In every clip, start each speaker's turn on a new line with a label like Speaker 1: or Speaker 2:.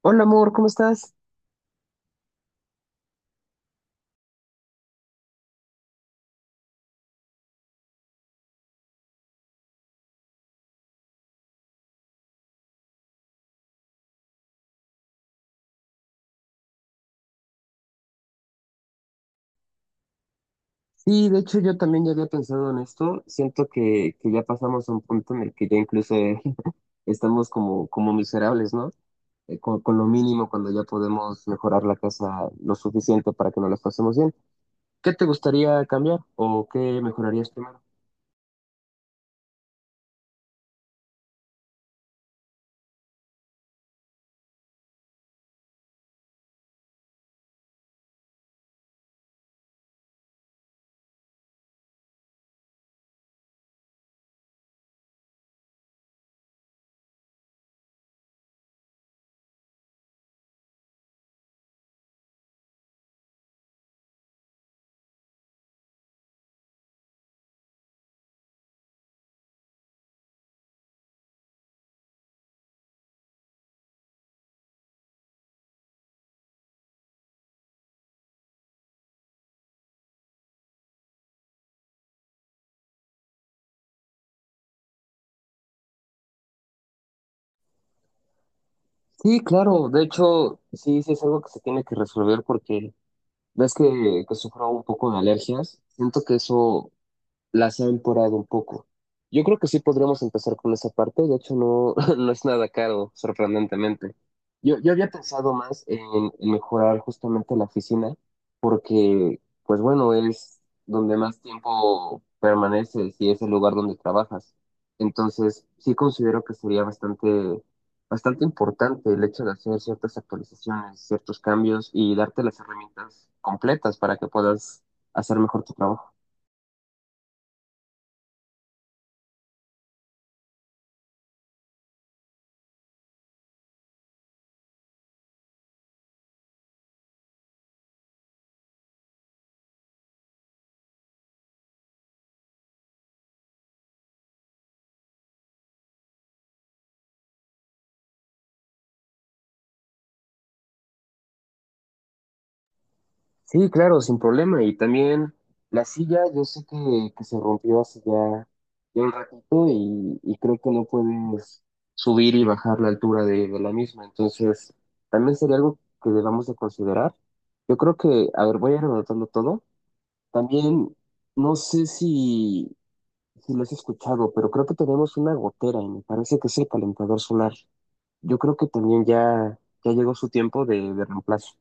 Speaker 1: Hola amor, ¿cómo estás? Sí, de hecho yo también ya había pensado en esto. Siento que ya pasamos a un punto en el que ya incluso estamos como miserables, ¿no? Con lo mínimo cuando ya podemos mejorar la casa lo suficiente para que nos las pasemos bien. ¿Qué te gustaría cambiar o qué mejorarías primero? Sí, claro, de hecho sí, sí es algo que se tiene que resolver porque ves que sufro un poco de alergias. Siento que eso las ha empeorado un poco. Yo creo que sí podríamos empezar con esa parte, de hecho no, no es nada caro, sorprendentemente. Yo había pensado más en mejorar justamente la oficina, porque, pues bueno, es donde más tiempo permaneces y es el lugar donde trabajas. Entonces, sí considero que sería bastante importante el hecho de hacer ciertas actualizaciones, ciertos cambios y darte las herramientas completas para que puedas hacer mejor tu trabajo. Sí, claro, sin problema. Y también la silla, yo sé que se rompió hace ya un ratito y creo que no puedes subir y bajar la altura de la misma. Entonces, también sería algo que debamos de considerar. Yo creo que, a ver, voy a ir anotando todo. También, no sé si, si lo has escuchado, pero creo que tenemos una gotera y me parece que es el calentador solar. Yo creo que también ya llegó su tiempo de reemplazo.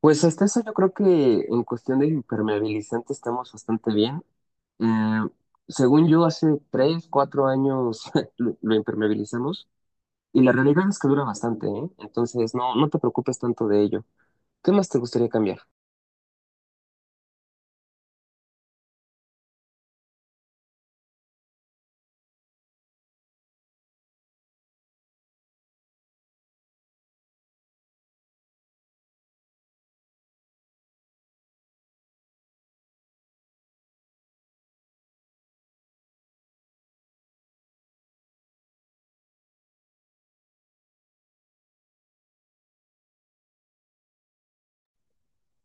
Speaker 1: Pues hasta eso yo creo que en cuestión de impermeabilizante estamos bastante bien. Eh, según yo, hace tres, cuatro años lo impermeabilizamos y la realidad es que dura bastante, ¿eh? Entonces no, no te preocupes tanto de ello. ¿Qué más te gustaría cambiar?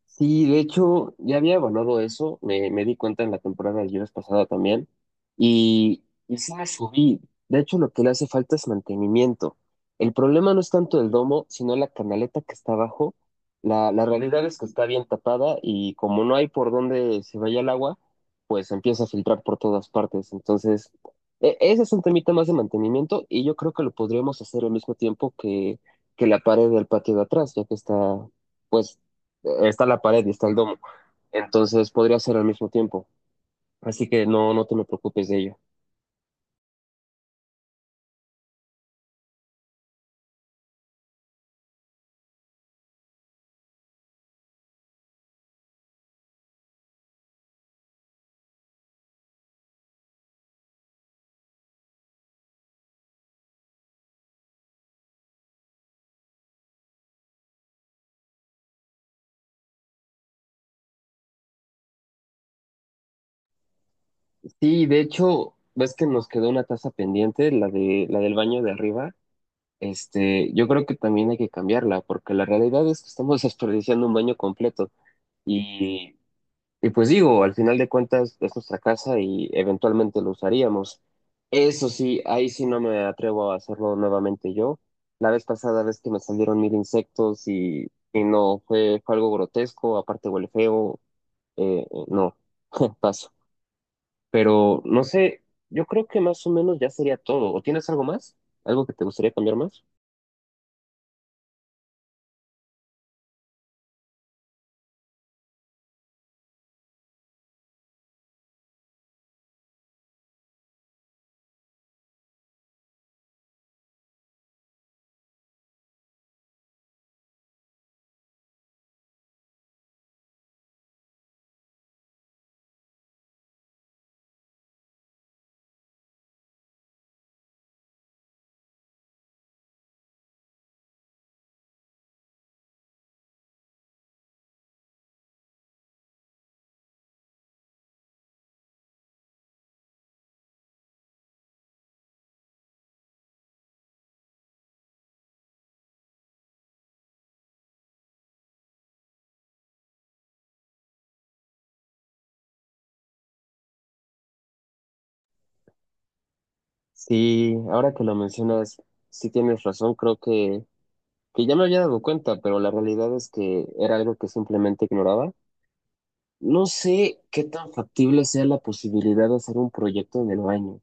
Speaker 1: Sí, de hecho, ya había evaluado eso, me di cuenta en la temporada de viernes pasada también, y sí me subí. De hecho, lo que le hace falta es mantenimiento. El problema no es tanto el domo, sino la canaleta que está abajo. La realidad es que está bien tapada y como no hay por dónde se vaya el agua, pues empieza a filtrar por todas partes. Entonces, ese es un temita más de mantenimiento y yo creo que lo podríamos hacer al mismo tiempo que la pared del patio de atrás, ya que está, pues está la pared y está el domo. Entonces podría ser al mismo tiempo. Así que no, no te me preocupes de ello. Sí, de hecho, ves que nos quedó una taza pendiente, la la del baño de arriba. Este, yo creo que también hay que cambiarla, porque la realidad es que estamos desperdiciando un baño completo. Y y pues digo, al final de cuentas es nuestra casa y eventualmente lo usaríamos. Eso sí, ahí sí no me atrevo a hacerlo nuevamente yo. La vez pasada, ves que me salieron mil insectos y no, fue, fue algo grotesco, aparte huele feo, no, paso. Pero no sé, yo creo que más o menos ya sería todo. ¿O tienes algo más? ¿Algo que te gustaría cambiar más? Sí, ahora que lo mencionas, sí tienes razón, creo que ya me había dado cuenta, pero la realidad es que era algo que simplemente ignoraba. No sé qué tan factible sea la posibilidad de hacer un proyecto en el baño.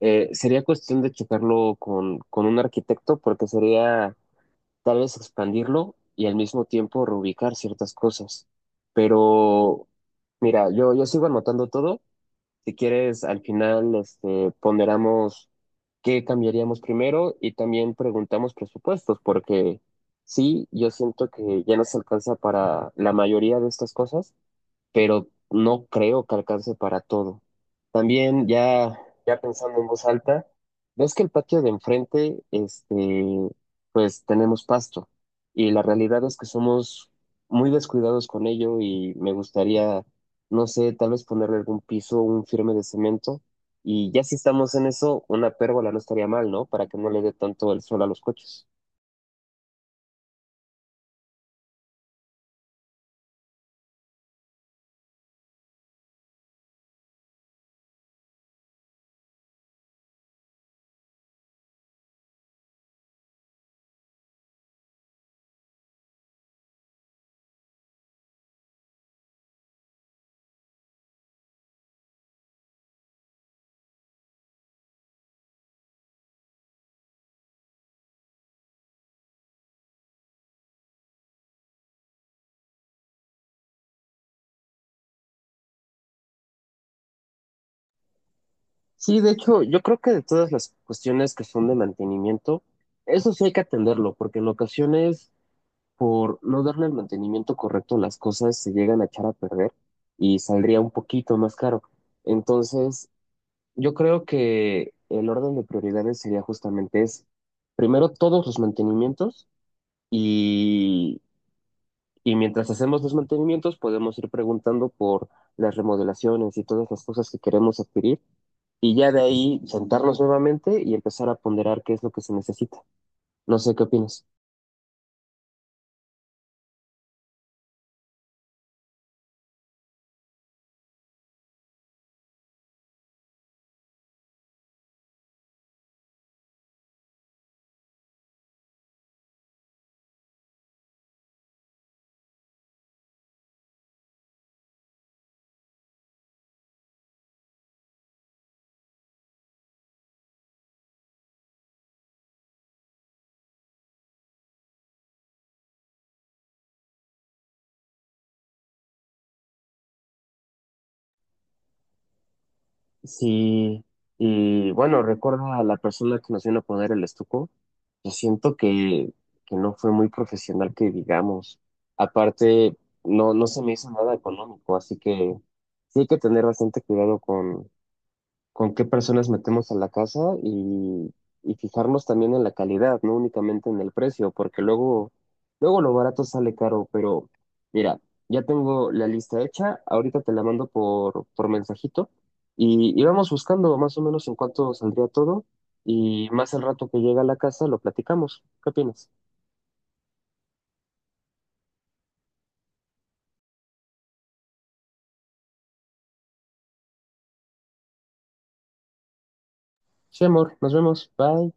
Speaker 1: Sería cuestión de checarlo con un arquitecto porque sería tal vez expandirlo y al mismo tiempo reubicar ciertas cosas. Pero mira, yo sigo anotando todo si quieres, al final, este, ponderamos qué cambiaríamos primero y también preguntamos presupuestos, porque sí, yo siento que ya nos alcanza para la mayoría de estas cosas, pero no creo que alcance para todo. También ya pensando en voz alta, ves que el patio de enfrente, este, pues tenemos pasto y la realidad es que somos muy descuidados con ello y me gustaría, no sé, tal vez ponerle algún piso, un firme de cemento y ya si estamos en eso, una pérgola no estaría mal, ¿no? Para que no le dé tanto el sol a los coches. Sí, de hecho, yo creo que de todas las cuestiones que son de mantenimiento, eso sí hay que atenderlo, porque en ocasiones, por no darle el mantenimiento correcto, las cosas se llegan a echar a perder y saldría un poquito más caro. Entonces, yo creo que el orden de prioridades sería justamente ese. Primero, todos los mantenimientos y mientras hacemos los mantenimientos, podemos ir preguntando por las remodelaciones y todas las cosas que queremos adquirir. Y ya de ahí sentarnos nuevamente y empezar a ponderar qué es lo que se necesita. No sé qué opinas. Sí, y bueno, recuerda a la persona que nos vino a poner el estuco. Yo siento que no fue muy profesional, que digamos. Aparte, no, no se me hizo nada económico, así que sí hay que tener bastante cuidado con qué personas metemos a la casa y fijarnos también en la calidad, no únicamente en el precio, porque luego lo barato sale caro, pero mira, ya tengo la lista hecha, ahorita te la mando por mensajito y vamos buscando más o menos en cuánto saldría todo y más al rato que llega a la casa lo platicamos. ¿Qué opinas? Sí, amor, nos vemos, bye.